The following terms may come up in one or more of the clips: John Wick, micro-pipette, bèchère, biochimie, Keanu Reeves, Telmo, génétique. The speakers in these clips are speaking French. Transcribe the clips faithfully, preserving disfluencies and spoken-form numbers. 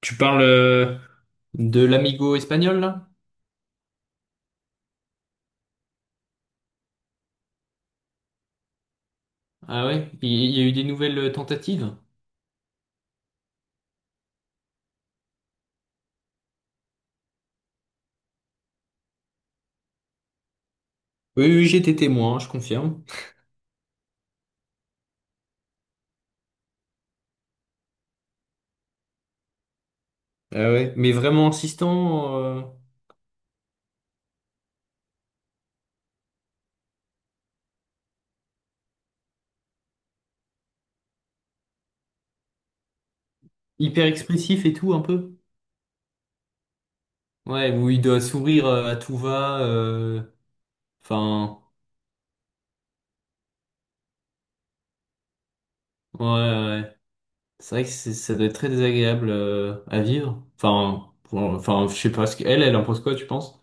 Tu parles euh, de l'amigo espagnol, là? Ah ouais? Il il y a eu des nouvelles tentatives? Oui, oui, j'étais témoin, je confirme. Ah ouais? Mais vraiment insistant, euh, hyper expressif et tout, un peu. Ouais, où il doit sourire euh, à tout va. euh, Enfin, ouais, ouais, ouais. C'est vrai que c'est- ça doit être très désagréable euh, à vivre. Enfin, pour- enfin, je sais pas ce qu'elle, elle impose quoi, tu penses?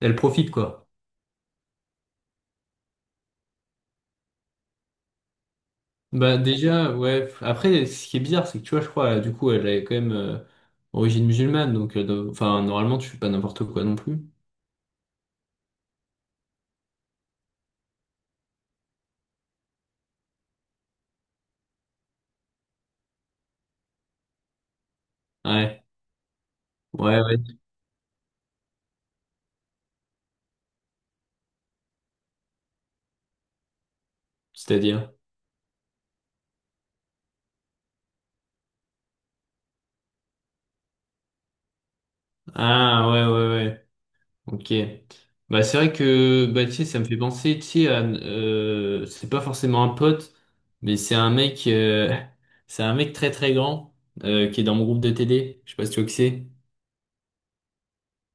Elle profite, quoi. Bah déjà, ouais. f- Après, ce qui est bizarre, c'est que tu vois, je crois, euh, du coup, elle est quand même euh, origine musulmane, donc, euh, de- enfin, normalement, tu fais pas n'importe quoi non plus. Ouais, ouais, ouais. C'est-à-dire. Ah, ouais, ouais, ouais. Ok. Bah c'est vrai que, bah tu sais, ça me fait penser, tu sais, à, euh, c'est pas forcément un pote, mais c'est un mec, euh, c'est un mec très très grand euh, qui est dans mon groupe de T D. Je sais pas si tu vois qui c'est.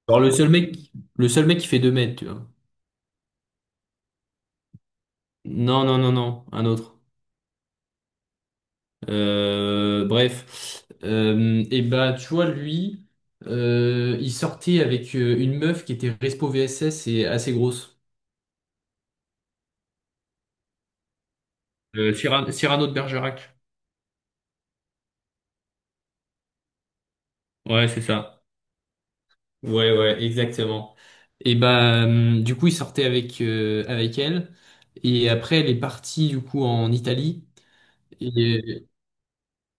Genre le seul mec, le seul mec qui fait deux mètres, tu vois. Non, non, non, non, un autre. Euh, bref. Euh, et bah tu vois lui, euh, il sortait avec euh, une meuf qui était Respo V S S et assez grosse. Euh, Cyrano, Cyrano de Bergerac. Ouais, c'est ça. Ouais, ouais, exactement. Et bah euh, du coup il sortait avec euh, avec elle et après elle est partie du coup en Italie. Et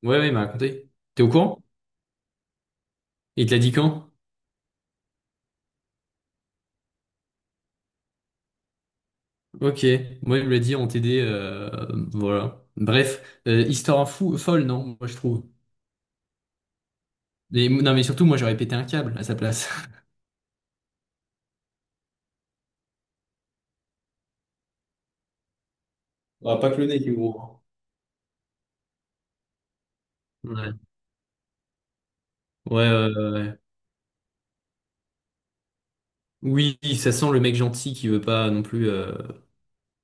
ouais, ouais, il m'a raconté. T'es au courant? Il te l'a dit quand? Ok, moi il me l'a dit en T D, euh, voilà. Bref, euh, histoire fou, folle, non, moi je trouve. Et- non, mais surtout, moi, j'aurais pété un câble à sa place. Ah, pas que le nez qui est gros, hein. Ouais, ouais, ouais, ouais, ouais. Oui, ça sent le mec gentil qui veut pas non plus euh,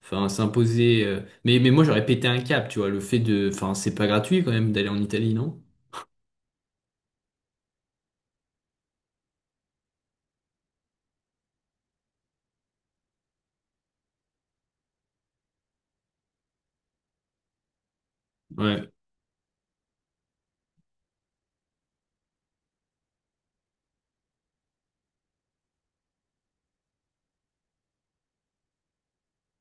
enfin s'imposer. euh. Mais, mais moi, j'aurais pété un câble, tu vois. Le fait de. Enfin, c'est pas gratuit quand même d'aller en Italie, non? Ouais,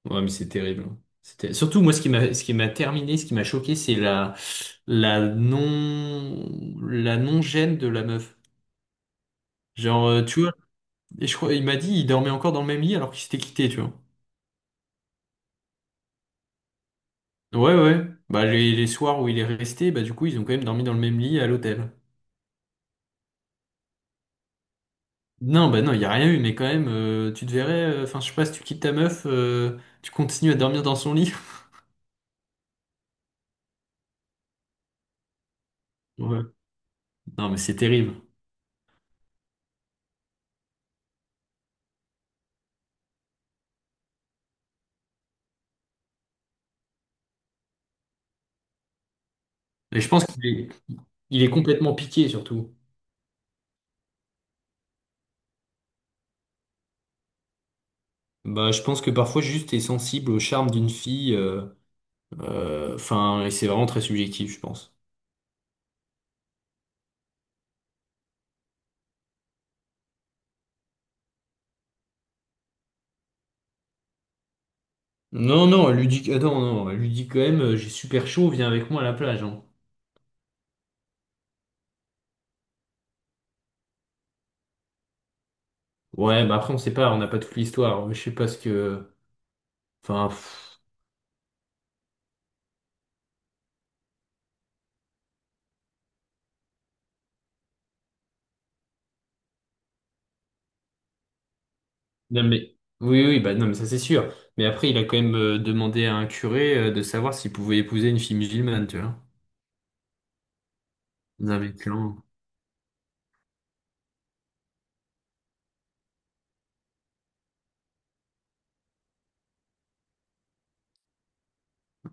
ouais, mais c'est terrible, hein. C'était... Surtout, moi, ce qui m'a ce qui m'a terminé, ce qui m'a choqué, c'est la, la non la non-gêne de la meuf. Genre, euh, tu vois, et je crois, il m'a dit, il dormait encore dans le même lit alors qu'il s'était quitté, tu vois. Ouais, ouais. Bah, les, les soirs où il est resté, bah, du coup, ils ont quand même dormi dans le même lit à l'hôtel. Non, bah, non, il n'y a rien eu, mais quand même, euh, tu te verrais, euh, enfin, je sais pas, si tu quittes ta meuf, euh, tu continues à dormir dans son lit. Ouais. Non, mais c'est terrible. Et je pense qu'il est, il est complètement piqué, surtout. Bah, je pense que parfois, juste, t'es sensible au charme d'une fille, euh, euh, enfin, et c'est vraiment très subjectif, je pense. Non, non, elle lui dit, ah, non, non, elle lui dit quand même, euh, j'ai super chaud, viens avec moi à la plage, hein. Ouais, bah après, on sait pas, on n'a pas toute l'histoire. Je sais pas ce que. Enfin. Pff. Non mais oui oui bah non mais ça c'est sûr. Mais après il a quand même euh, demandé à un curé euh, de savoir s'il pouvait épouser une fille musulmane, tu vois. Non mais clairement.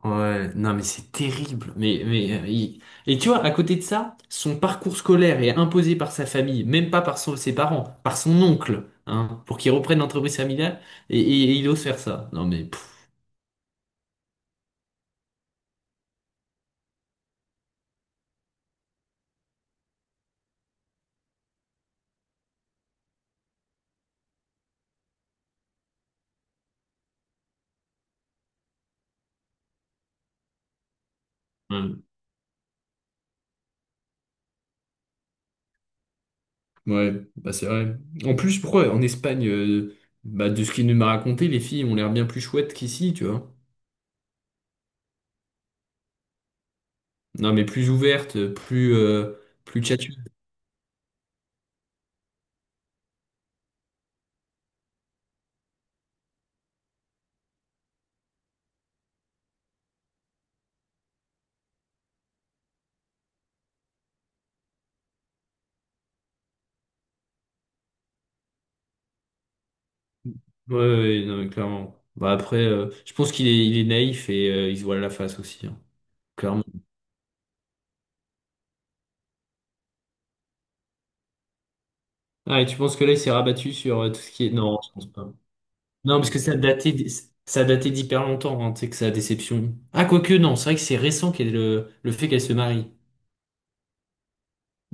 Ouais, non mais c'est terrible. Mais mais euh, il- et tu vois à côté de ça, son parcours scolaire est imposé par sa famille, même pas par son- ses parents, par son oncle, hein, pour qu'il reprenne l'entreprise familiale et, et- et il ose faire ça. Non mais pff, ouais. Ouais, bah c'est vrai. En plus pourquoi en Espagne euh, bah de ce qu'il nous m'a raconté, les filles ont l'air bien plus chouettes qu'ici, tu vois. Non, mais plus ouverte, plus, euh, plus tchatcheuse. Ouais, ouais, non, mais clairement. Bah après, euh, je pense qu'il est, il est naïf et euh, il se voile la face aussi, hein. Clairement. Ah, et tu penses que là, il s'est rabattu sur euh, tout ce qui est... Non, je pense pas. Non, parce que ça datait, d- ça datait d'hyper longtemps, hein, tu sais, que sa déception. Ah, quoique, non, c'est vrai que c'est récent qu'elle, le, le fait qu'elle se marie.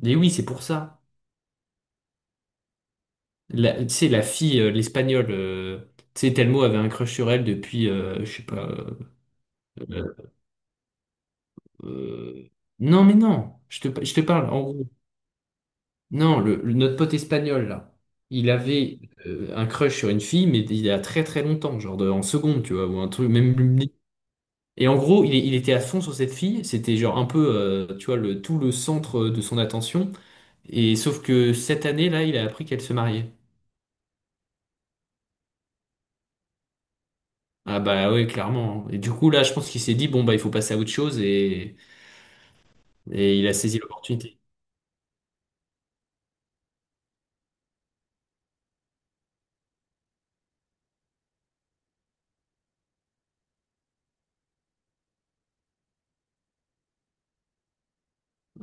Mais oui, c'est pour ça. La, tu sais, la fille, euh, l'espagnole, euh, tu sais, Telmo avait un crush sur elle depuis, euh, je sais pas... euh, euh, non, mais non, je te, je te parle. En gros. Non, le, le- notre pote espagnol, là, il avait euh, un crush sur une fille, mais il y a très très longtemps, genre de- en seconde, tu vois, ou un truc, même. Et en gros, il, il était à fond sur cette fille, c'était genre un peu, euh, tu vois, le, tout le centre de son attention. Et sauf que cette année, là, il a appris qu'elle se mariait. Ah bah ouais, clairement, hein. Et du coup, là, je pense qu'il s'est dit, bon, bah, il faut passer à autre chose, et, et il a saisi l'opportunité.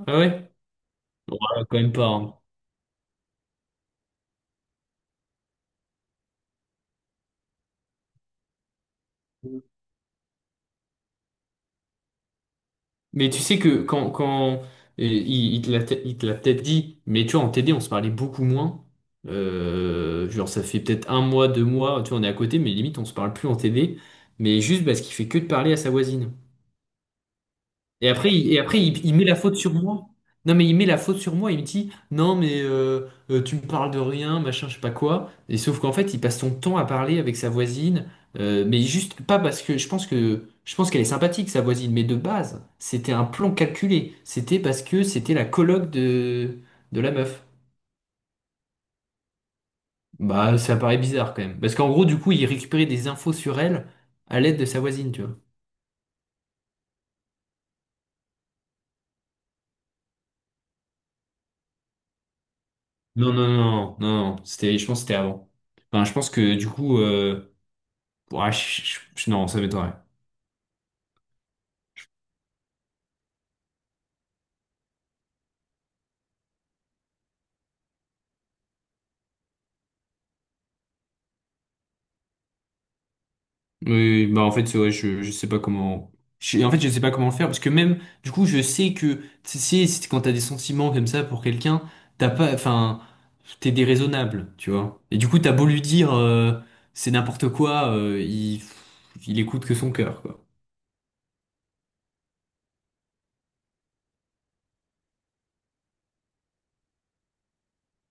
Ah ouais? Bon, bah, quand même pas, hein. Mais tu sais que quand, quand et il, il te l'a il te l'a peut-être dit, mais tu vois, en T D, on se parlait beaucoup moins. Euh, genre, ça fait peut-être un mois, deux mois, tu vois, on est à côté, mais limite, on se parle plus en T D. Mais juste parce qu'il fait que de parler à sa voisine. Et après, il, et après il, il met la faute sur moi. Non, mais il met la faute sur moi. Il me dit, non, mais euh, euh, tu me parles de rien, machin, je sais pas quoi. Et sauf qu'en fait, il passe son temps à parler avec sa voisine. euh, mais juste pas parce que je pense que je pense qu'elle est sympathique, sa voisine. Mais de base, c'était un plan calculé. C'était parce que c'était la coloc de, de la meuf. Bah, ça paraît bizarre quand même. Parce qu'en gros, du coup, il récupérait des infos sur elle à l'aide de sa voisine, tu vois. Non, non, non, non, non, non. C'était, je pense que c'était avant. Enfin, je pense que du coup. euh, Ouais, je- je- je- non, ça m'étonnerait. Oui, oui, bah en fait, ouais, je, je sais pas comment. Je- en fait, je sais pas comment le faire parce que même, du coup, je sais que tu sais, si- quand t'as des sentiments comme ça pour quelqu'un, t'as pas, enfin, t'es déraisonnable, tu vois. Et du coup, t'as beau lui dire euh, c'est n'importe quoi, euh, il, il écoute que son cœur, quoi.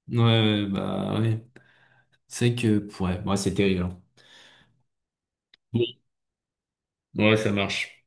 Ouais, ouais, bah ouais. C'est vrai que, ouais, ouais, c'est terrible, hein. Bon, ouais, ça marche.